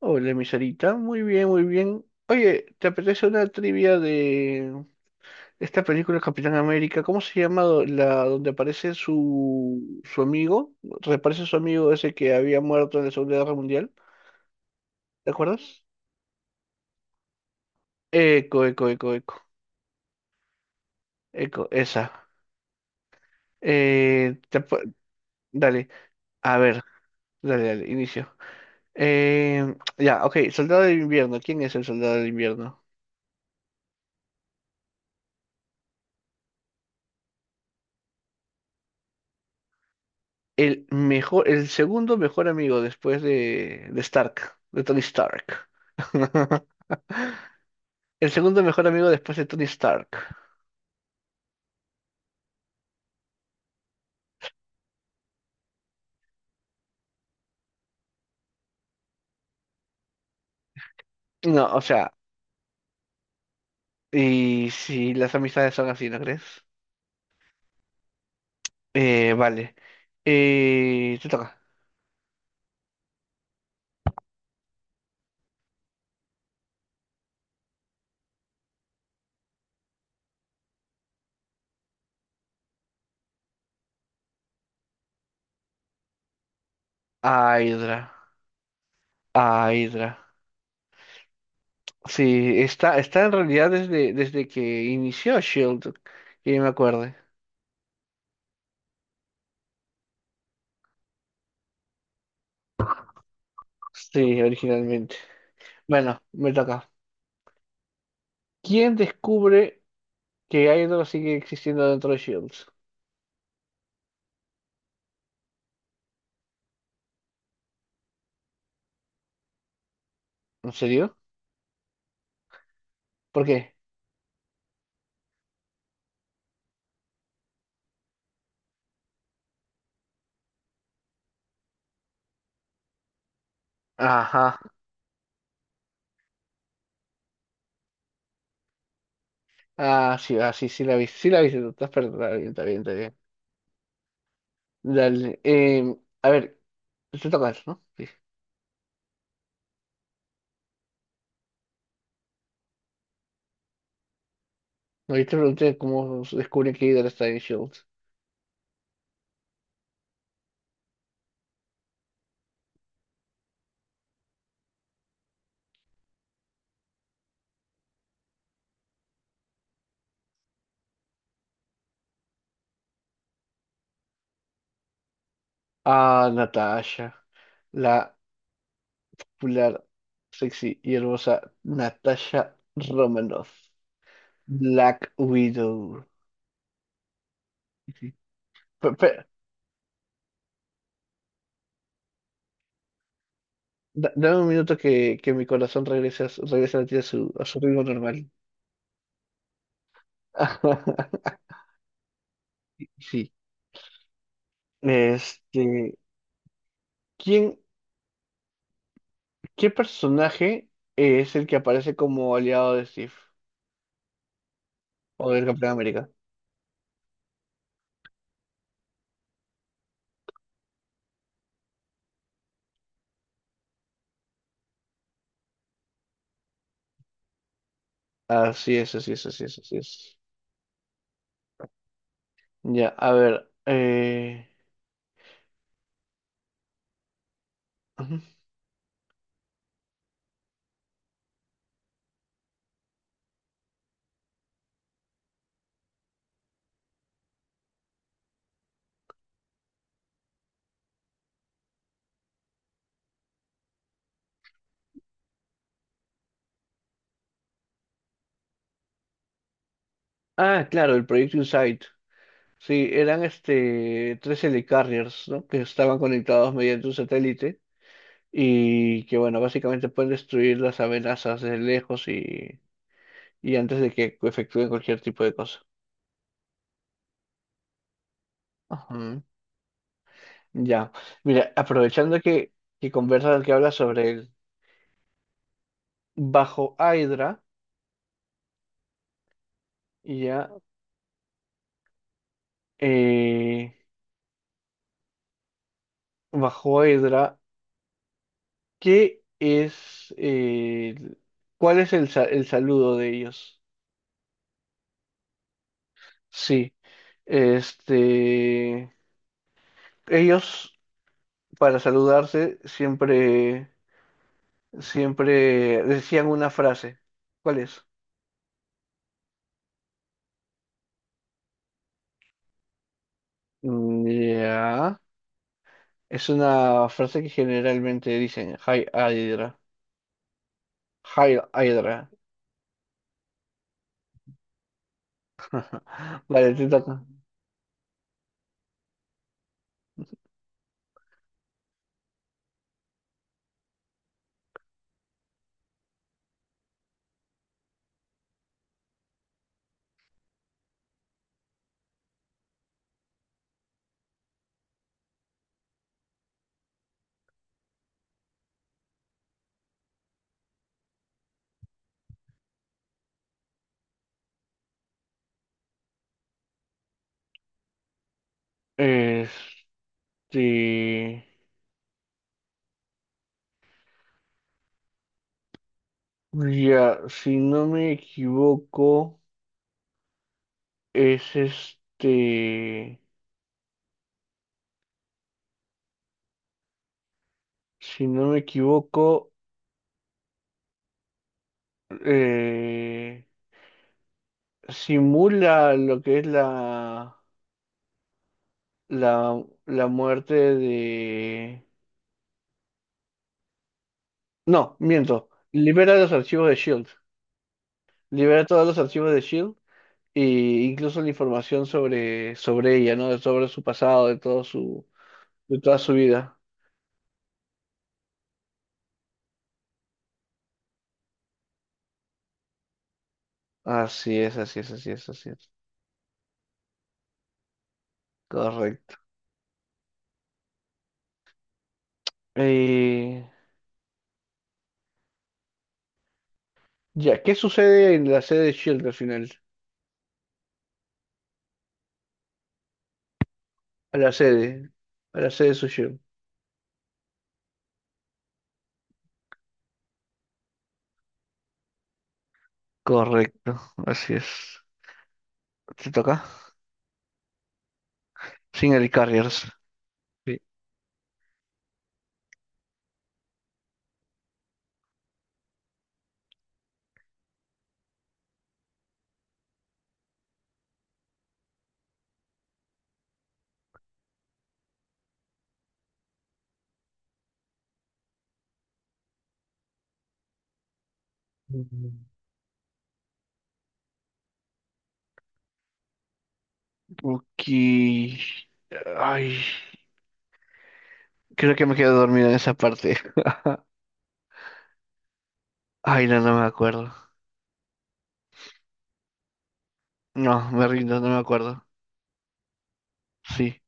Hola, mi Sarita. Muy bien, muy bien. Oye, ¿te apetece una trivia de esta película Capitán América? ¿Cómo se llama la donde aparece su amigo? Reaparece su amigo ese que había muerto en la Segunda Guerra Mundial. ¿Te acuerdas? Eco, eco, eco, eco. Eco, esa. Eh, te ap- dale, a ver, dale, dale, inicio. Ya, ok, Soldado del Invierno. ¿Quién es el Soldado del Invierno? El mejor, el segundo mejor amigo después de Stark, de Tony Stark. El segundo mejor amigo después de Tony Stark. No, o sea, y si las amistades son así, ¿no crees? Vale. Te toca. A Hydra. A Hydra. Sí, está en realidad desde que inició Shield, que yo me acuerde. Sí, originalmente. Bueno, me toca. ¿Quién descubre que Hydra sigue existiendo dentro de Shield? ¿En serio? ¿Por qué? Ajá. Ah, sí, ah, sí, sí la vi. Sí la vi, tú estás perdonada. Está bien, está bien, está bien. Dale. A ver, te toca eso, ¿no? Sí. No, yo te pregunté cómo se descubre que Hydra está en S.H.I.E.L.D. Ah, Natasha. La popular, sexy y hermosa Natasha Romanoff. Black Widow. Sí. Pe- pe- dame un minuto que mi corazón regrese, regrese a latir a su ritmo normal. Sí. Este. ¿Quién, qué personaje es el que aparece como aliado de Steve o del Capitán América? Así es, así es, así es, así es. Ya, a ver. Ujú. Ah, claro, el Proyecto Insight. Sí, eran tres helicarriers, ¿no? Que estaban conectados mediante un satélite y que, bueno, básicamente pueden destruir las amenazas desde lejos y antes de que efectúen cualquier tipo de cosa. Ajá. Ya. Mira, aprovechando que conversas, que hablas sobre él. Bajo Hydra, y ya, eh, bajo Hydra, ¿qué es, cuál es el saludo de ellos? Sí, este, ellos para saludarse siempre decían una frase. ¿Cuál es? Ya, es una frase que generalmente dicen, Hi Hydra, Hi Hydra. Vale, te toca. Este. Ya, es este, si no me equivoco, eh, simula lo que es la muerte de. No, miento, libera todos los archivos de Shield e incluso la información sobre ella, ¿no? Sobre su pasado, de todo su, de toda su vida. Así es, así es, así es, así es. Correcto. Eh, Ya, ¿qué sucede en la sede de Shield al final? A la sede. A la sede de su Shield. Correcto, así es. ¿Te toca? Sin el Carriers. Sí. Mm. Ok. Ay, creo que me quedo dormido en esa parte. Ay, no, no me acuerdo. No, me rindo, no me acuerdo. Sí.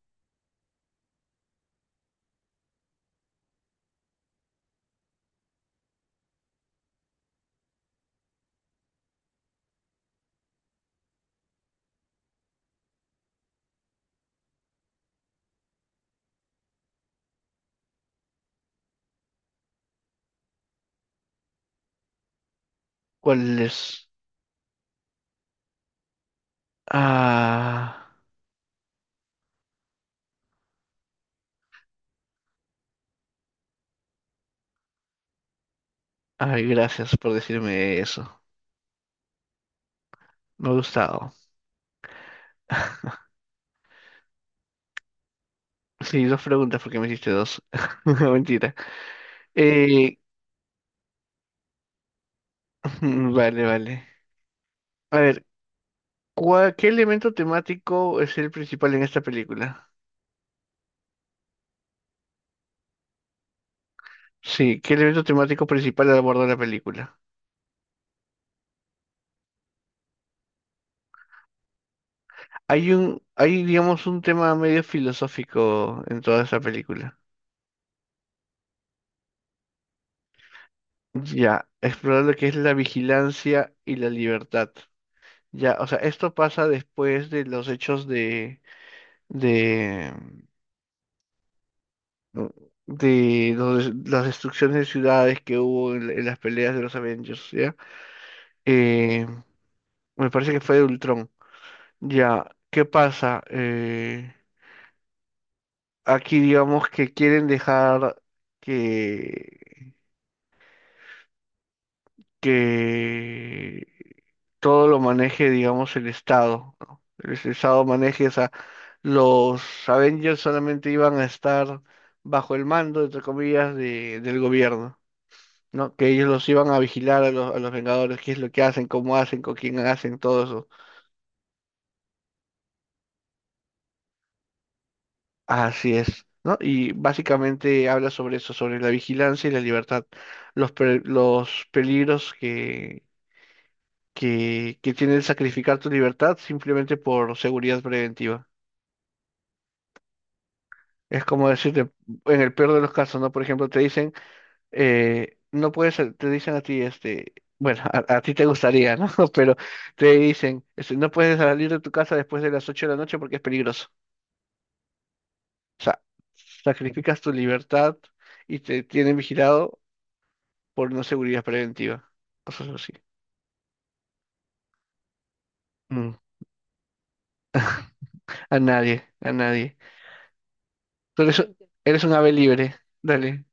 ¿Cuál es? Ah. Ay, gracias por decirme eso. Me ha gustado. Sí, dos preguntas porque me hiciste dos. Mentira. Eh, vale, vale. A ver, ¿qué elemento temático es el principal en esta película? Sí, ¿qué elemento temático principal aborda la película? Hay, digamos, un tema medio filosófico en toda esta película. Ya, explorar lo que es la vigilancia y la libertad. Ya, o sea, esto pasa después de los hechos de, mm, de las destrucciones de ciudades que hubo en las peleas de los Avengers, ¿ya? Eh, me parece que fue de Ultron. Ya, ¿qué pasa? Aquí digamos que quieren dejar que, que todo lo maneje, digamos, el Estado, ¿no? El Estado maneje, o sea, los Avengers solamente iban a estar bajo el mando, entre comillas, del gobierno, ¿no? Que ellos los iban a vigilar a los Vengadores, qué es lo que hacen, cómo hacen, con quién hacen, todo eso. Así es, ¿no? Y básicamente habla sobre eso, sobre la vigilancia y la libertad, los peligros que tiene el sacrificar tu libertad simplemente por seguridad preventiva. Es como decirte, en el peor de los casos, ¿no? Por ejemplo, te dicen, no puedes, sal- te dicen a ti, bueno, a ti te gustaría, ¿no? Pero te dicen, no puedes salir de tu casa después de las 8 de la noche porque es peligroso. O sea, sacrificas tu libertad y te tienen vigilado por no seguridad preventiva, cosas así. Mm. A nadie, a nadie. Tú eres, un- eres un ave libre, dale.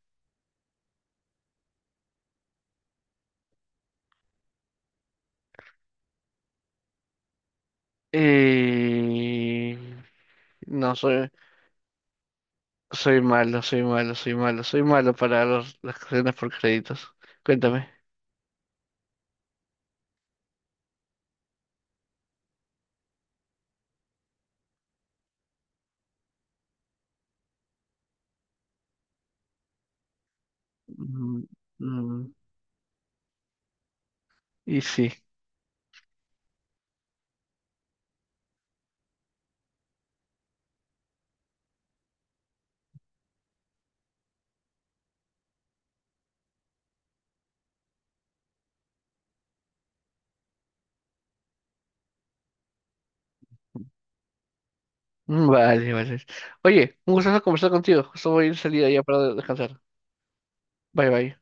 Eh, no, soy, malo, soy malo, soy malo, soy malo para las cadenas por créditos. Cuéntame. Mm, mm. Y sí, mm, vale, vale. Oye, un gusto conversar contigo. Solo voy a ir de salida ya para descansar. Bye, bye.